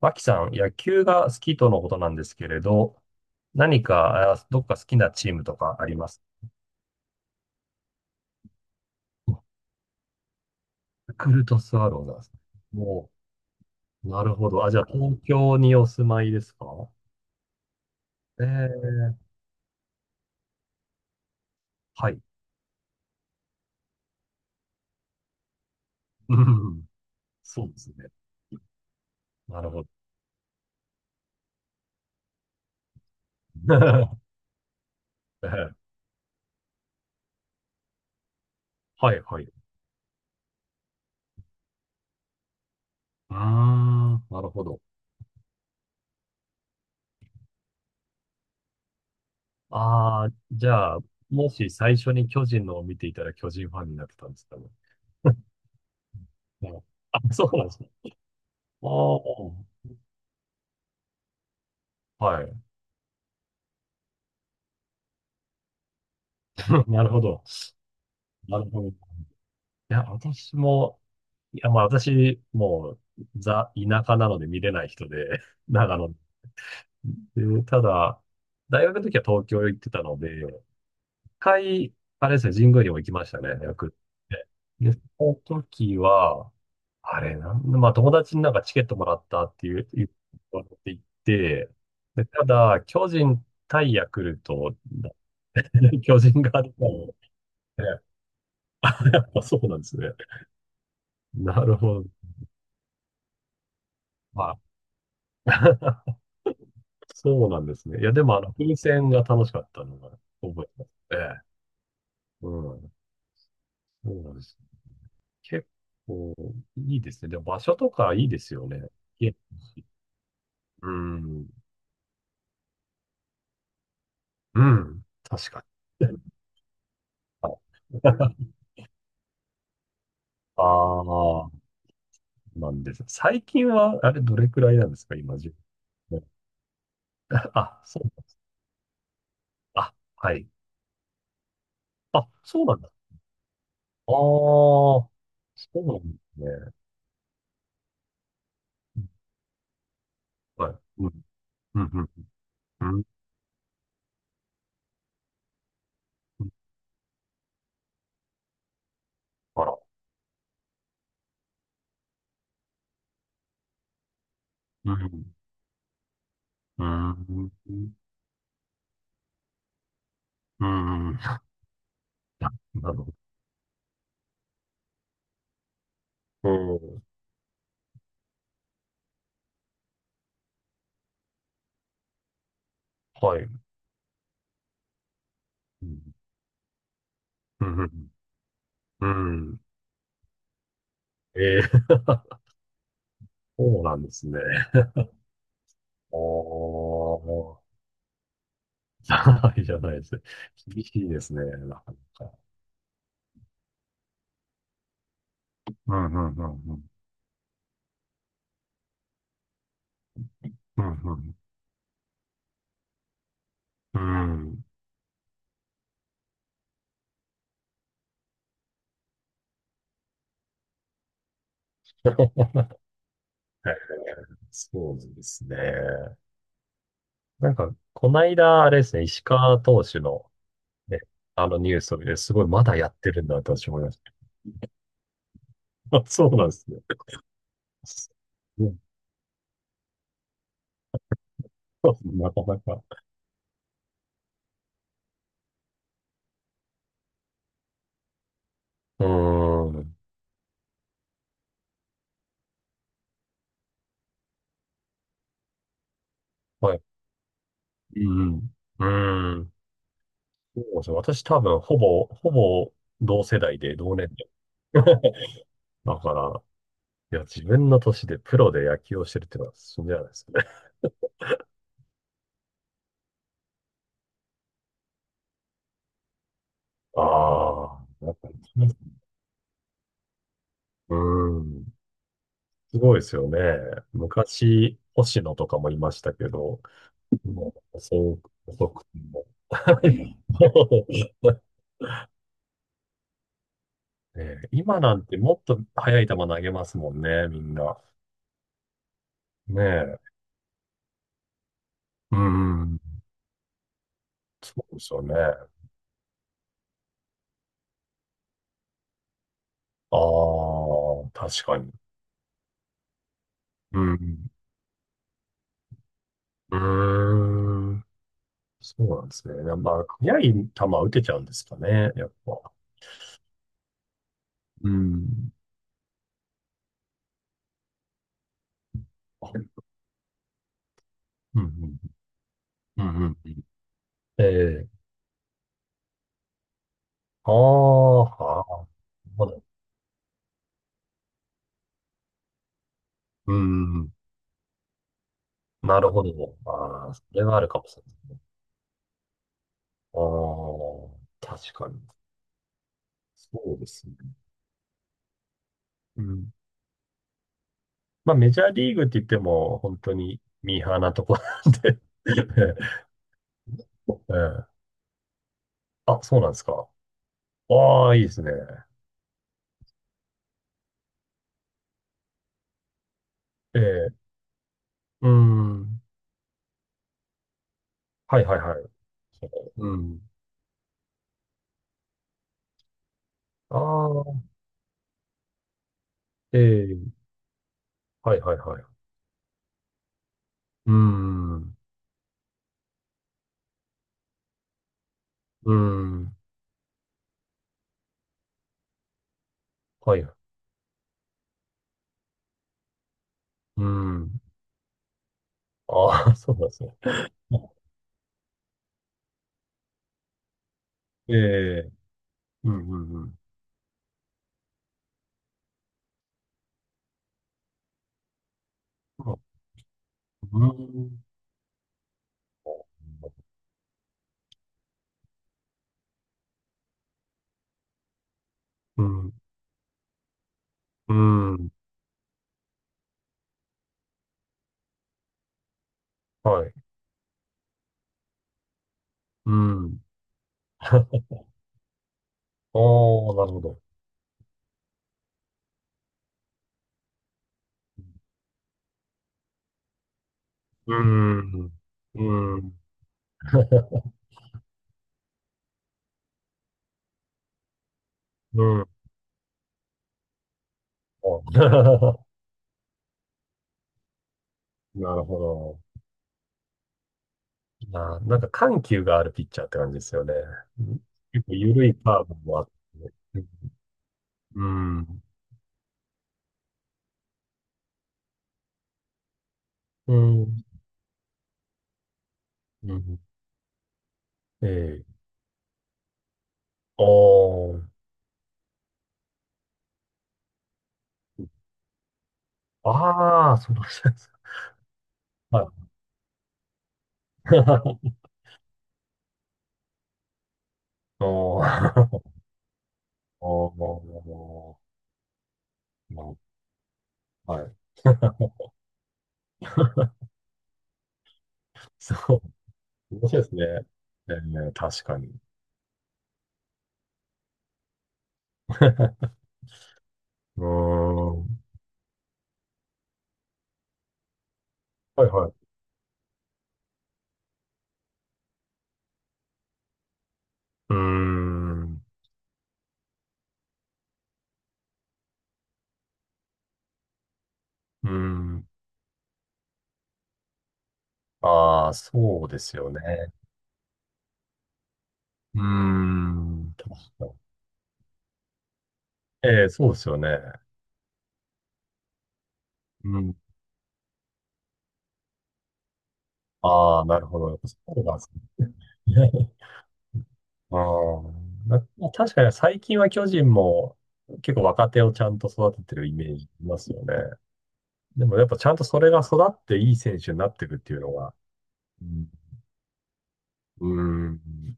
脇さん、野球が好きとのことなんですけれど、何か、どっか好きなチームとかあります？ヤクルトスワローズなんですね。もう、なるほど。あ、じゃあ、東京にお住まいですか？えー、はい。うん、そうですね。なるほど。えー、はい、はい。あー、なるほど。ああ、じゃあ、もし最初に巨人のを見ていたら巨人ファンになってたんですかね。うん。あ、そうなんですね。ああ、はい。なるほど。なるほど。いや、私も、いや、まあ私、もう、ザ、田舎なので見れない人で、長野で、ただ、大学の時は東京行ってたので、一回、あれですね、神宮にも行きましたね、よくって。で、その時は、あれ、まあ友達になんかチケットもらったっていう、言って行って、で、ただ、巨人対ヤクルトだった、巨人があったので、っそうなんですね。なるほど。まあ、そうなんですね。いや、でも、あの、風船が楽しかったのが覚えてますね。うん。そうなんです。結構、いいですね。でも、場所とかいいですよね。いえ、うん。うん。確かに。はい。 ああ、なんです。最近は、あれ、どれくらいなんですか、今、自分。あ、そう。あ、はい。あ、そうなんだ。ああ、そうなんですね。はい。うん、うん、うん、うん。あら。うん、うん。うん。なるほど。うん。はい。うん。うん。うん。うん。ええ。 そうなんですね。おー。じゃないじゃないです。厳しいですね、なかなか。うんうんうんうん。うんうん。うん。ええ、そうですね。なんか、こないだ、あれですね、石川投手のね、あのニュースを見て、すごいまだやってるんだと私思いました。そうなんですね。うん、なかなか。うーん。はい。うんうん。うーん。そうなんですね。私多分、ほぼ同世代で同年代。だから、いや、自分の年でプロで野球をしてるっていうのは信じられないですね。ああ、やっぱり。うーん。すごいですよね。昔、星野とかもいましたけど、もう、そう、遅くても。ねえ、今なんてもっと速い球投げますもんね、みんな。ねえ。うんうん、そうですよね。ああ、確かに。うん。うーん。そうなんですね。やっぱ速い球打てちゃうんですかね、やっぱ。うん。あ、うん、うん、うん、うん。うん。ええ。ああ、ああ、だ、うん。なるほど。ああ、それはあるかもしれないですね。ああ、確かに。そうですね。うん。まあ、メジャーリーグって言っても、本当にミーハーなとこなんで。 ええ、あ、そうなんですか。ああ、いいですね。ええ、うん。はいはいはい。そう、うん。ああ、ええ、はいはいはい。うん。うん。はい。うん。ああ、そうなんですね。ええ、うんうんうん。ま、うん。うん。うん。うん。はい。うん。ああ、なるほど。うん。うん。うん。あ。 なるほど。あー、なんか緩急があるピッチャーって感じですよね。うん、結構緩いカーブもあって。うん。うん。うん。うん。ええ。おー。ああ、その人ですか。はい。おー。おー。まあ、はい。そう。面白いですね。ええ、確かに。うーん。はいはい。うーん。うーん。ああ、そうですよね。うーん。確かに。ええ、そうですよね。うん。ああ、なるほど。そうなんですね。ああ、な、確かに最近は巨人も結構若手をちゃんと育ててるイメージいますよね。でもやっぱちゃんとそれが育っていい選手になっていくっていうのが、うん、うーん、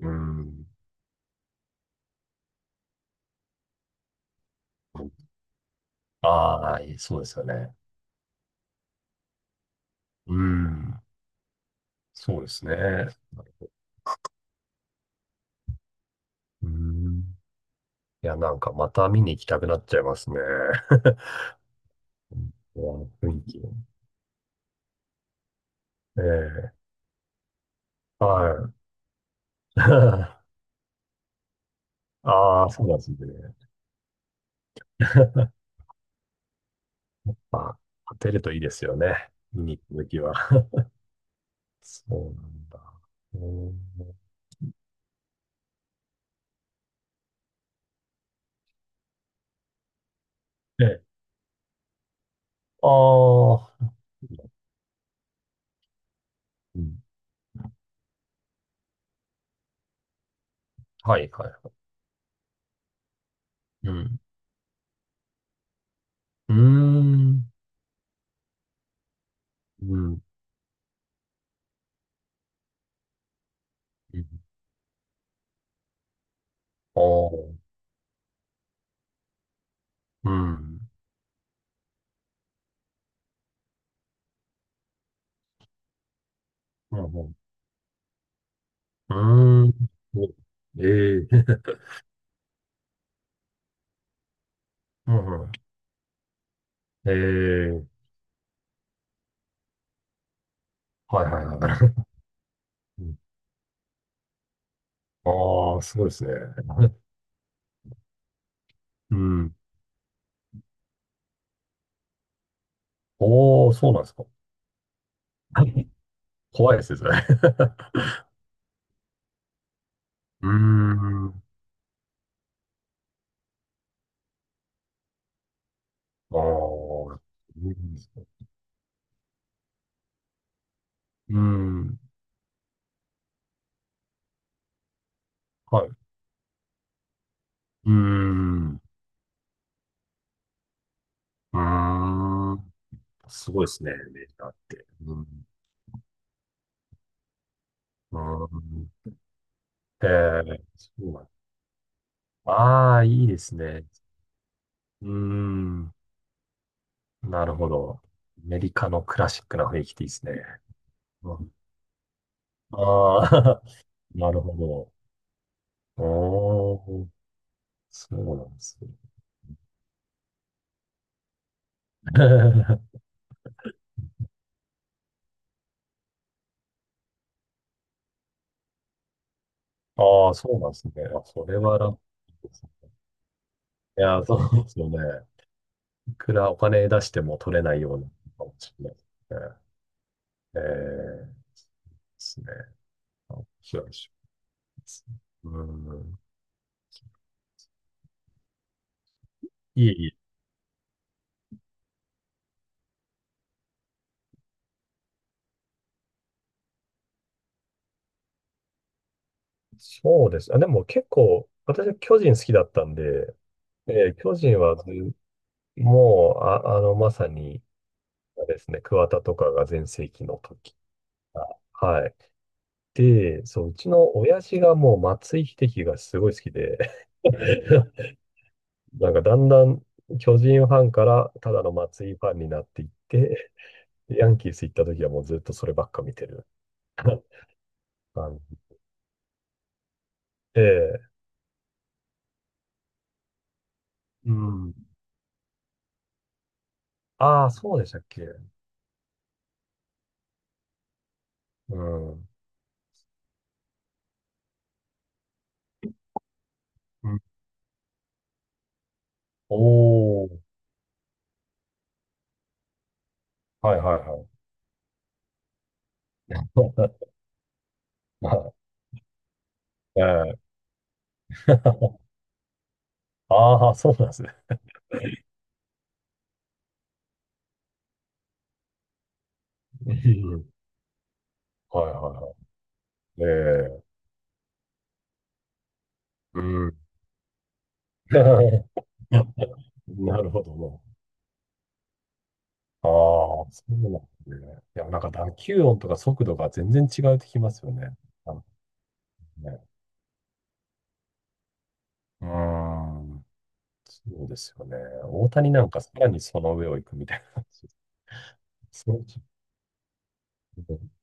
うん、ああ、そうですよね。うん、そうですね。うん、いや、なんかまた見に行きたくなっちゃいますね。雰囲気。ええ、はい。ああ、そうなんですね。まあ、当てるといいですよね。見に行っときは。そうなんだ。うん。え、ああ、うん。はい、はい。うん。うーん。うん。うん。ああ、うん。うん、うん。うーん。うん。ええ。うんうん、あ、うんうんうんうーん、ええ。はいはいはい。うん。ああ、すごいですね。うん。おー、そうなんですか。怖いですね、それ。うーん。ああ、そうなんですね。うーん。はい。うーん。うーん。すごいですね、アメジカって。うん。うーん。ええ、そうなん。ああー、いいですね。うーん。なるほど。アメリカのクラシックな雰囲気でいいですね。うん、ああ、なるほど。おー、そうなんですね。ああ、そうなんですね。あ、それは楽ですね。いや、そうですよね。いくらお金出しても取れないようなかもしれないですね。えー、ですね。面白いですね。うん。いい、いい、そうです。あ、でも結構、私は巨人好きだったんで、えー巨人はず、もう、あ、あの、まさに、あれですね、桑田とかが全盛期の時が。あ、はい。で、そう、うちの親父がもう松井秀喜がすごい好きで、なんかだんだん巨人ファンからただの松井ファンになっていって、ヤンキース行った時はもうずっとそればっか見てる。 感じで、うん。ああ、そうでしたっけ。うん。うん。おー。はいはいはい。まあ、ええ。 ああ、そうなんですね。うん。はいはいはい。ええ、うん。なるほど。なああ、そうなんですね。いや、なんか打球音とか速度が全然違うってきますよね。なんかね。うん。そうですよね。大谷なんかさらにその上を行くみたいな。そうですね。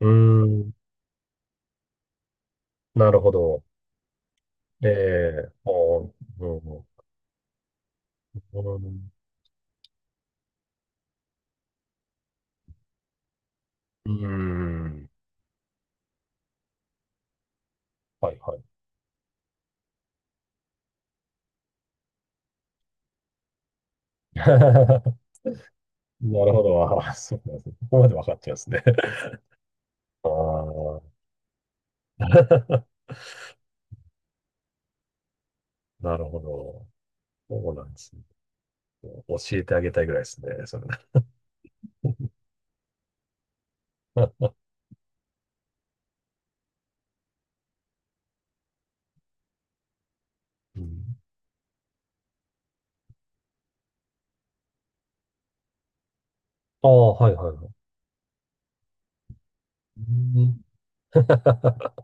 うーん、なるほど。ええ、もう、うんうん、うーん、はいはい。なるほど。あー、そうなんですね。ここまで分かっちゃうんですね。ああ、なるほど。そうなんですね。教えてあげたいぐらいですね、それ。うん、ああ、はいはいはい。うん。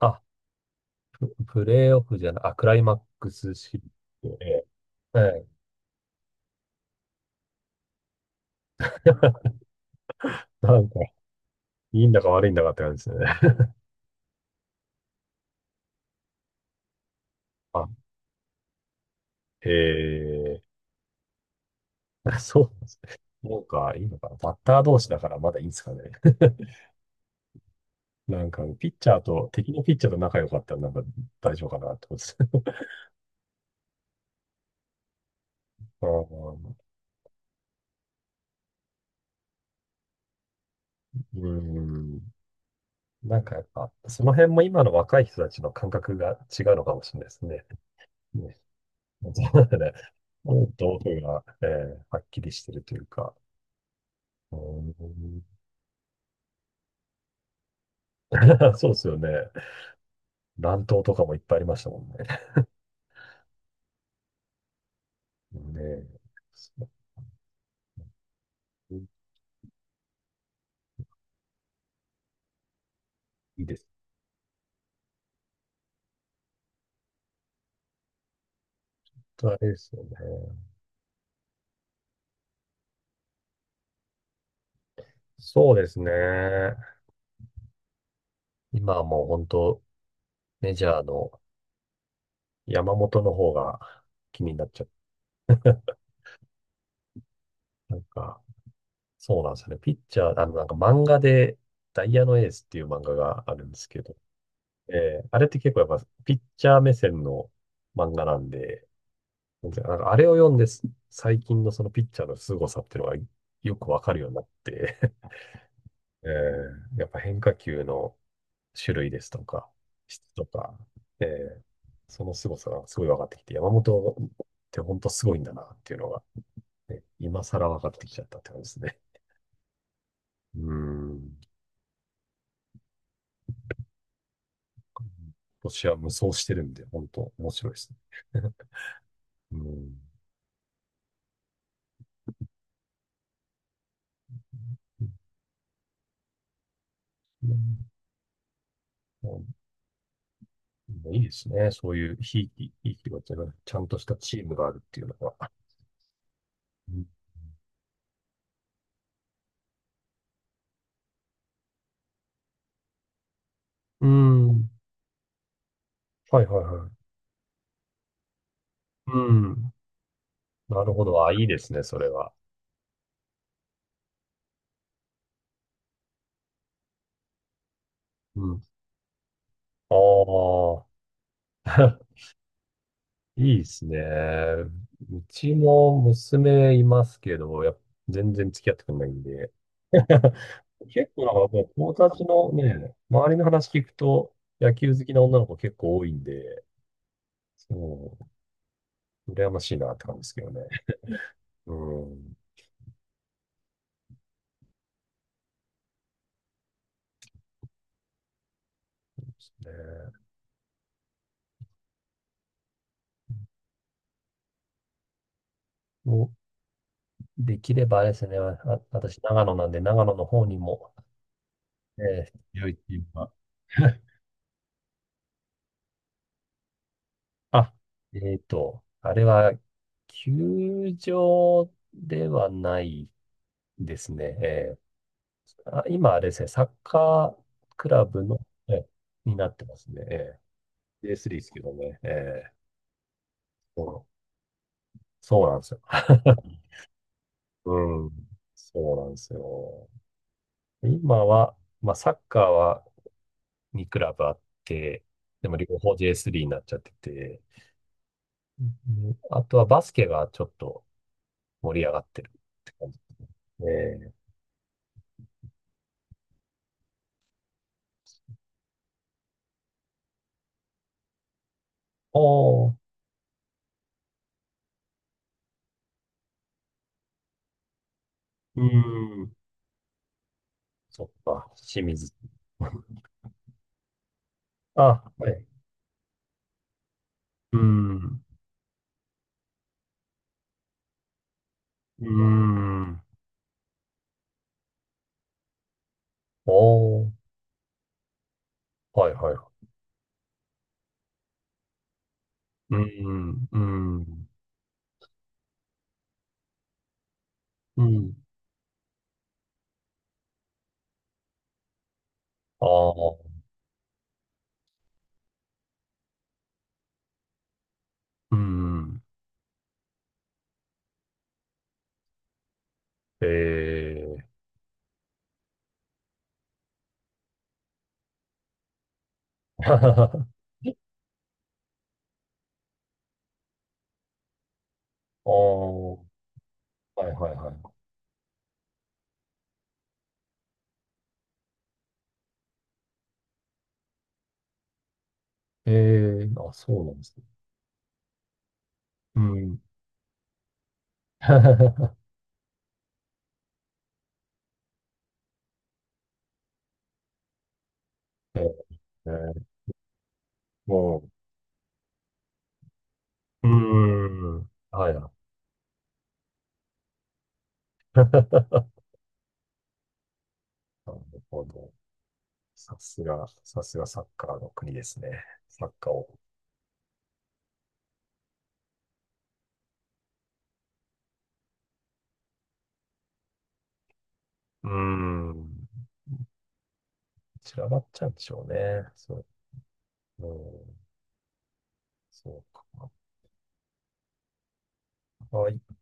あ、プレーオフじゃない、あ、クライマックスシリーズ。え、はい。なんか、いいんだか悪いんだかって感じですね。あ、へえ。そう、そうか、いいのかな。バッター同士だからまだいいんですかね。なんか、ピッチャーと、敵のピッチャーと仲良かったらなんか大丈夫かなってことです。あー、うん。なんかやっぱ、その辺も今の若い人たちの感覚が違うのかもしれないですね。ね。そうだね。もう道具が、えー、はっきりしてるというか。うん。 そうですよね。乱闘とかもいっぱいありましたもんね。ね。そう、いいです。あと、あれですよね。そうですね。今はもう本当、メジャーの山本の方が気になっちゃう。なんか、そうなんですよね。ピッチャー、あの、なんか漫画で、ダイヤのエースっていう漫画があるんですけど、えー、あれって結構やっぱピッチャー目線の漫画なんで、なんかあれを読んで、最近のそのピッチャーの凄さっていうのがよくわかるようになって、えー、やっぱ変化球の種類ですとか、質とか、えー、その凄さがすごい分かってきて、山本って本当すごいんだなっていうのが、ね、今更分かってきちゃったって感じですね。うーん。今年は無双してるんで、本当面白いですね。うん。もういいですね。そういうひいきがちゃんとしたチームがあるっていうのが。うん。うん。はいはいはい。うん。なるほど。あ、いいですね、それは。うん。ああ。いいですね。うちも娘いますけど、やっぱ全然付き合ってくれないんで。結構なんかもう友達のね、周りの話聞くと、野球好きな女の子結構多いんで、そう、羨ましいなって感じですけどね。うん。ね、もうできればあれですね、あ、私長野なんで、長野の方にも、えー、強いっていうか、あ、えっと、あれは、球場ではないですね。え、あ、今あれですね、サッカークラブの、え、になってますね。ええ、 J3 ですけどね。ええ、そう、そうなんですよ。うん。そうなんですよ。今は、まあ、サッカーは2クラブあって、でも両方 J3 になっちゃってて、うん、あとはバスケがちょっと盛り上がってるって感じですね。おー、うん、そっか、清水。あ、はい。うん、うん、おー、はいはいはい。うん、うん、うん、ああ、うん。ええー。 ああ、はいはいはい。ええー、あ、そうなんですね。うん。ええ、もう、ん。うん、はいはい。なるほど。さすが、さすがサッカーの国ですね。サッカーを、うーん。散らばっちゃうんでしょうね。そう。うん、そうか。あ